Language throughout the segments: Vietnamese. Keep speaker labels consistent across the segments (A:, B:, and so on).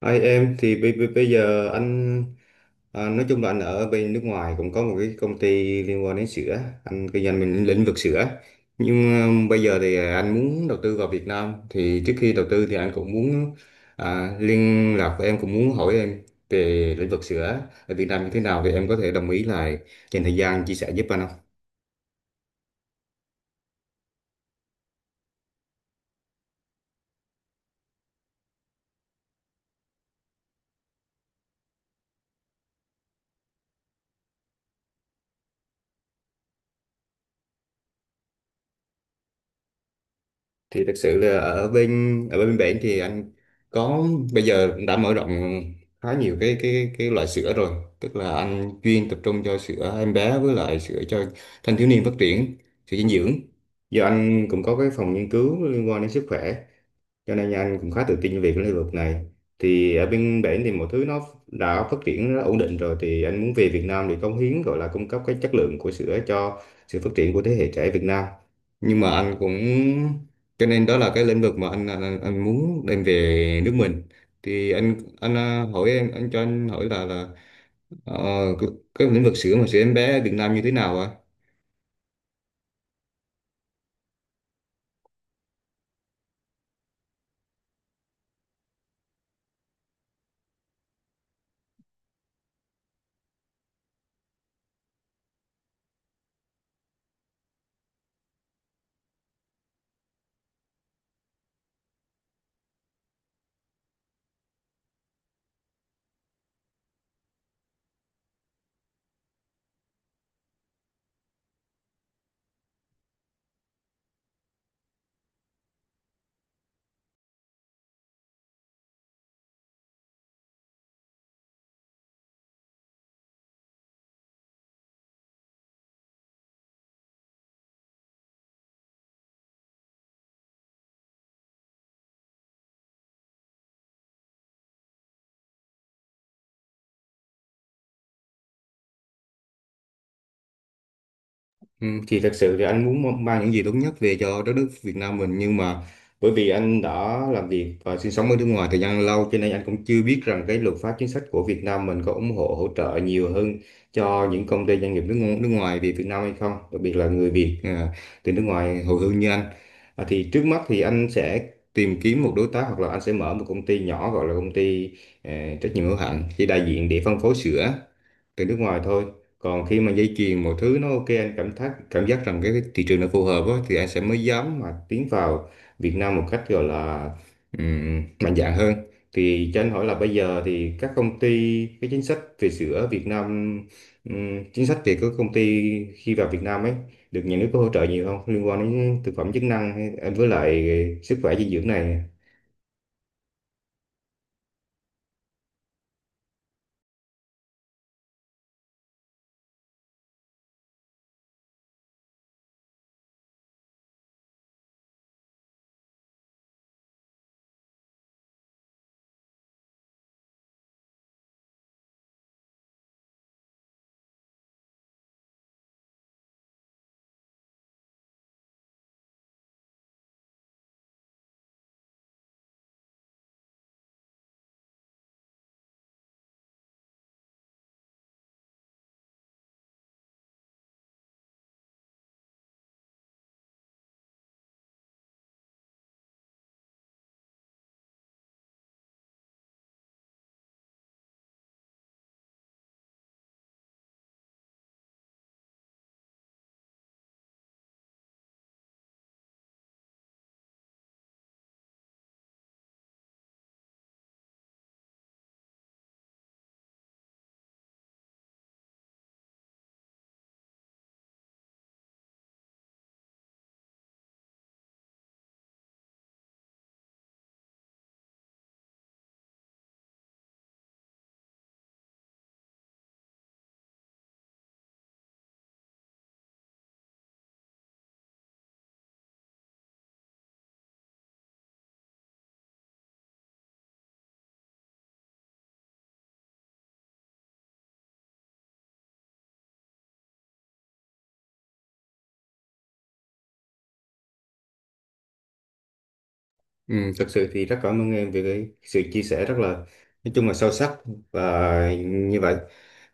A: Hai em thì bây giờ anh nói chung là anh ở bên nước ngoài cũng có một cái công ty liên quan đến sữa. Anh kinh doanh mình lĩnh vực sữa, nhưng bây giờ thì anh muốn đầu tư vào Việt Nam. Thì trước khi đầu tư thì anh cũng muốn liên lạc với em, cũng muốn hỏi em về lĩnh vực sữa ở Việt Nam như thế nào, thì em có thể đồng ý là dành thời gian chia sẻ giúp anh không? Thì thực sự là ở bên bển thì anh có bây giờ cũng đã mở rộng khá nhiều cái loại sữa rồi. Tức là anh chuyên tập trung cho sữa em bé với lại sữa cho thanh thiếu niên phát triển, sữa dinh dưỡng. Giờ anh cũng có cái phòng nghiên cứu liên quan đến sức khỏe, cho nên anh cũng khá tự tin về cái lĩnh vực này. Thì ở bên bển thì mọi thứ nó đã phát triển, nó ổn định rồi, thì anh muốn về Việt Nam để cống hiến, gọi là cung cấp cái chất lượng của sữa cho sự phát triển của thế hệ trẻ Việt Nam. Nhưng mà anh cũng Cho nên đó là cái lĩnh vực mà anh muốn đem về nước mình. Thì hỏi em, anh cho anh hỏi là là ờ, cái, cái lĩnh vực sữa mà sữa em bé ở Việt Nam như thế nào ạ? Ừ, thì thật sự thì anh muốn mang những gì tốt nhất về cho đất nước Việt Nam mình, nhưng mà bởi vì anh đã làm việc và sinh sống ở nước ngoài thời gian lâu, cho nên anh cũng chưa biết rằng cái luật pháp chính sách của Việt Nam mình có ủng hộ hỗ trợ nhiều hơn cho những công ty doanh nghiệp nước ngoài về Việt Nam hay không, đặc biệt là người Việt từ nước ngoài hồi hương như anh. Thì trước mắt thì anh sẽ tìm kiếm một đối tác, hoặc là anh sẽ mở một công ty nhỏ, gọi là công ty ờ, trách nhiệm hữu hạn, chỉ đại diện để phân phối sữa từ nước ngoài thôi. Còn khi mà dây chuyền mọi thứ nó ok, anh cảm thấy cảm giác rằng cái thị trường nó phù hợp á, thì anh sẽ mới dám mà tiến vào Việt Nam một cách gọi là mạnh dạn hơn. Thì cho anh hỏi là bây giờ thì các công ty, cái chính sách về sữa ở Việt Nam, chính sách về các công ty khi vào Việt Nam ấy được nhà nước có hỗ trợ nhiều không, liên quan đến thực phẩm chức năng hay với lại sức khỏe dinh dưỡng này? Ừ, thật sự thì rất cảm ơn em về cái sự chia sẻ rất là, nói chung là sâu sắc. Và như vậy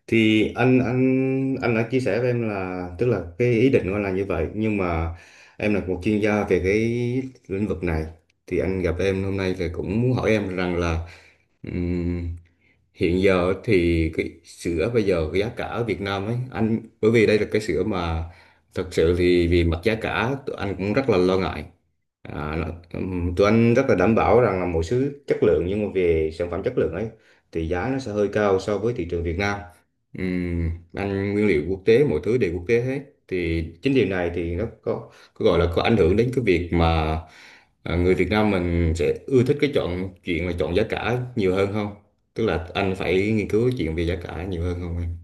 A: thì anh đã chia sẻ với em là, tức là cái ý định của anh là như vậy. Nhưng mà em là một chuyên gia về cái lĩnh vực này, thì anh gặp em hôm nay thì cũng muốn hỏi em rằng là hiện giờ thì cái sữa bây giờ, cái giá cả ở Việt Nam ấy anh, bởi vì đây là cái sữa mà thật sự thì vì mặt giá cả tụi anh cũng rất là lo ngại. à, nó- Tụi anh rất là đảm bảo rằng là một số chất lượng, nhưng mà về sản phẩm chất lượng ấy thì giá nó sẽ hơi cao so với thị trường Việt Nam. Anh nguyên liệu quốc tế, mọi thứ đều quốc tế hết, thì chính điều này thì nó có gọi là có ảnh hưởng đến cái việc mà người Việt Nam mình sẽ ưa thích cái chọn, chuyện là chọn giá cả nhiều hơn không, tức là anh phải nghiên cứu chuyện về giá cả nhiều hơn không em?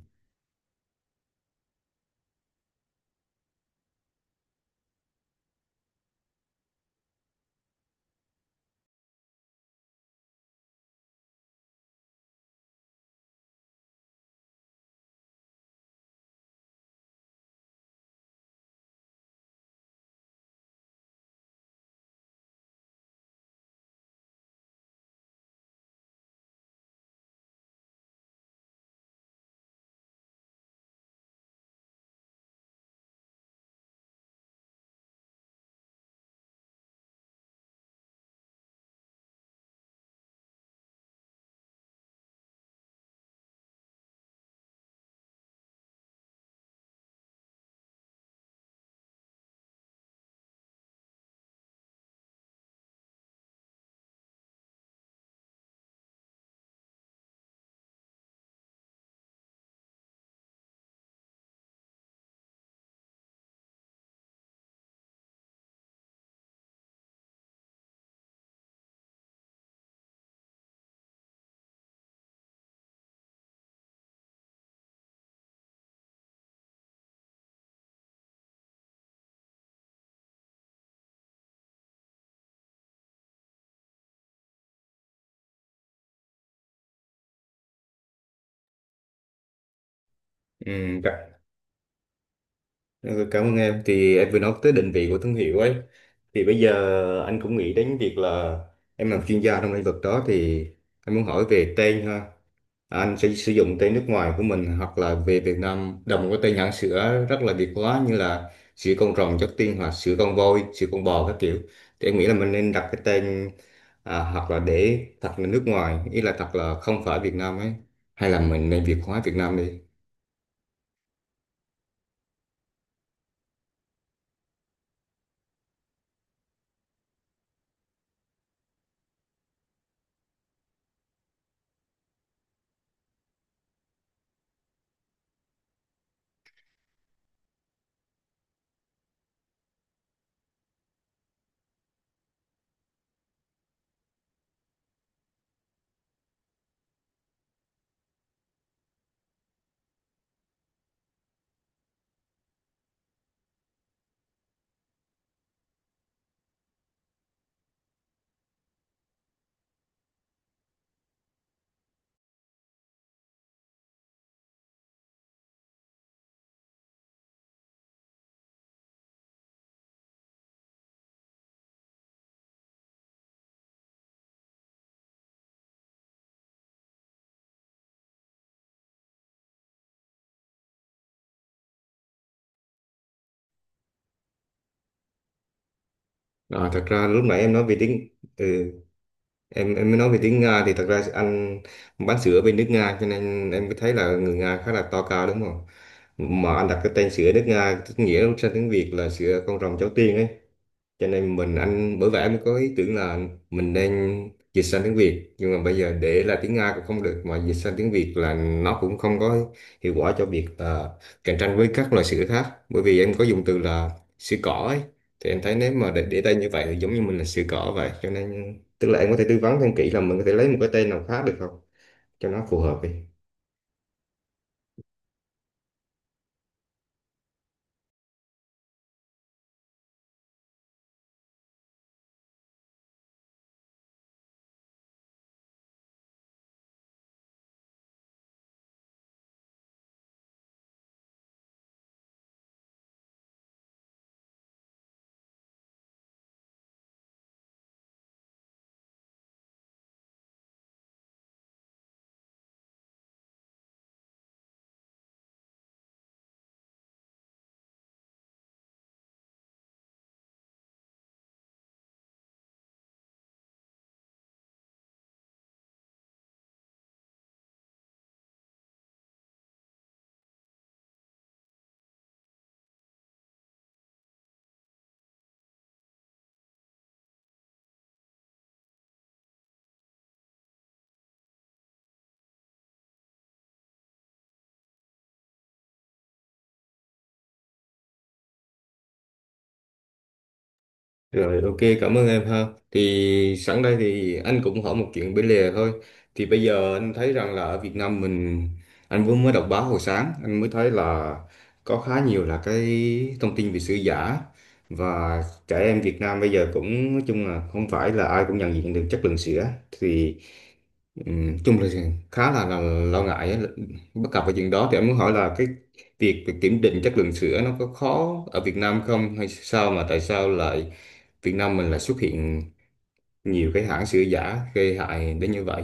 A: Ừ, cả- ừ, cảm ơn em. Thì em vừa nói tới định vị của thương hiệu ấy, thì bây giờ anh cũng nghĩ đến việc là em làm chuyên gia trong lĩnh vực đó, thì anh muốn hỏi về tên ha. Anh sẽ sử dụng tên nước ngoài của mình, hoặc là về Việt Nam đồng có tên hãng sữa rất là Việt hóa, như là sữa con rồng chất tiên, hoặc sữa con voi, sữa con bò các kiểu. Thì em nghĩ là mình nên đặt cái tên, hoặc là để thật là nước ngoài, ý là thật là không phải Việt Nam ấy, hay là mình nên Việt hóa Việt Nam đi? Thật ra lúc nãy em nói về tiếng, ừ, em mới nói về tiếng Nga. Thì thật ra anh bán sữa bên nước Nga, cho nên em mới thấy là người Nga khá là to cao đúng không? Mà anh đặt cái tên sữa nước Nga tức nghĩa sang tiếng Việt là sữa con rồng cháu tiên ấy. Cho nên mình anh Bởi vậy em có ý tưởng là mình nên dịch sang tiếng Việt. Nhưng mà bây giờ để là tiếng Nga cũng không được, mà dịch sang tiếng Việt là nó cũng không có hiệu quả cho việc là cạnh tranh với các loại sữa khác, bởi vì em có dùng từ là sữa cỏ ấy. Thì em thấy nếu mà để tên như vậy thì giống như mình là sữa cỏ vậy. Cho nên tức là em có thể tư vấn thêm kỹ là mình có thể lấy một cái tên nào khác được không, cho nó phù hợp đi? Rồi, ok, cảm ơn em ha. Thì sẵn đây thì anh cũng hỏi một chuyện bên lề thôi. Thì bây giờ anh thấy rằng là ở Việt Nam mình, anh vừa mới đọc báo hồi sáng anh mới thấy là có khá nhiều là cái thông tin về sữa giả, và trẻ em Việt Nam bây giờ cũng nói chung là không phải là ai cũng nhận diện được chất lượng sữa. Thì, Ừ, chung là khá là lo ngại á. Bất cập về chuyện đó thì em muốn hỏi là cái việc việc kiểm định chất lượng sữa nó có khó ở Việt Nam không, hay sao mà tại sao lại Việt Nam mình lại xuất hiện nhiều cái hãng sữa giả gây hại đến như vậy?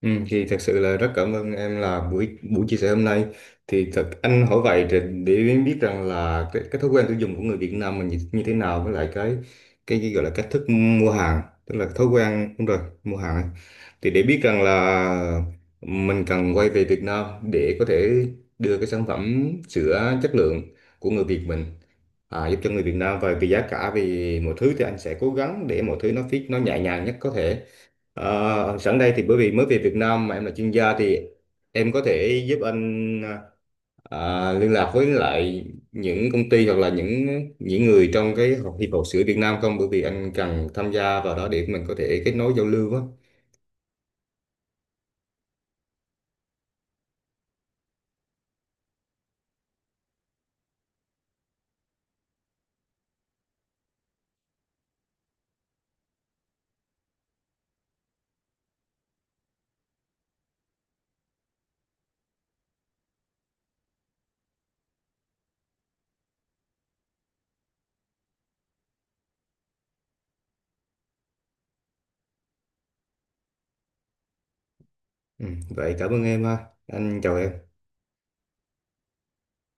A: Ừ, thì thật sự là rất cảm ơn em là buổi buổi chia sẻ hôm nay. Thì thật anh hỏi vậy để biết rằng là cái thói quen tiêu dùng của người Việt Nam mình như thế nào, với lại cái gọi là cách thức mua hàng, tức là thói quen đúng rồi, mua hàng ấy. Thì để biết rằng là mình cần quay về Việt Nam để có thể đưa cái sản phẩm sữa chất lượng của người Việt mình, giúp cho người Việt Nam. Và vì giá cả, vì mọi thứ, thì anh sẽ cố gắng để mọi thứ nó fit, nó nhẹ nhàng nhất có thể. Sẵn đây thì bởi vì mới về Việt Nam mà em là chuyên gia, thì em có thể giúp anh liên lạc với lại những công ty, hoặc là những người trong cái hiệp hội sữa Việt Nam không? Bởi vì anh cần tham gia vào đó để mình có thể kết nối giao lưu á. Ừ, vậy cảm ơn em ha. Anh chào em.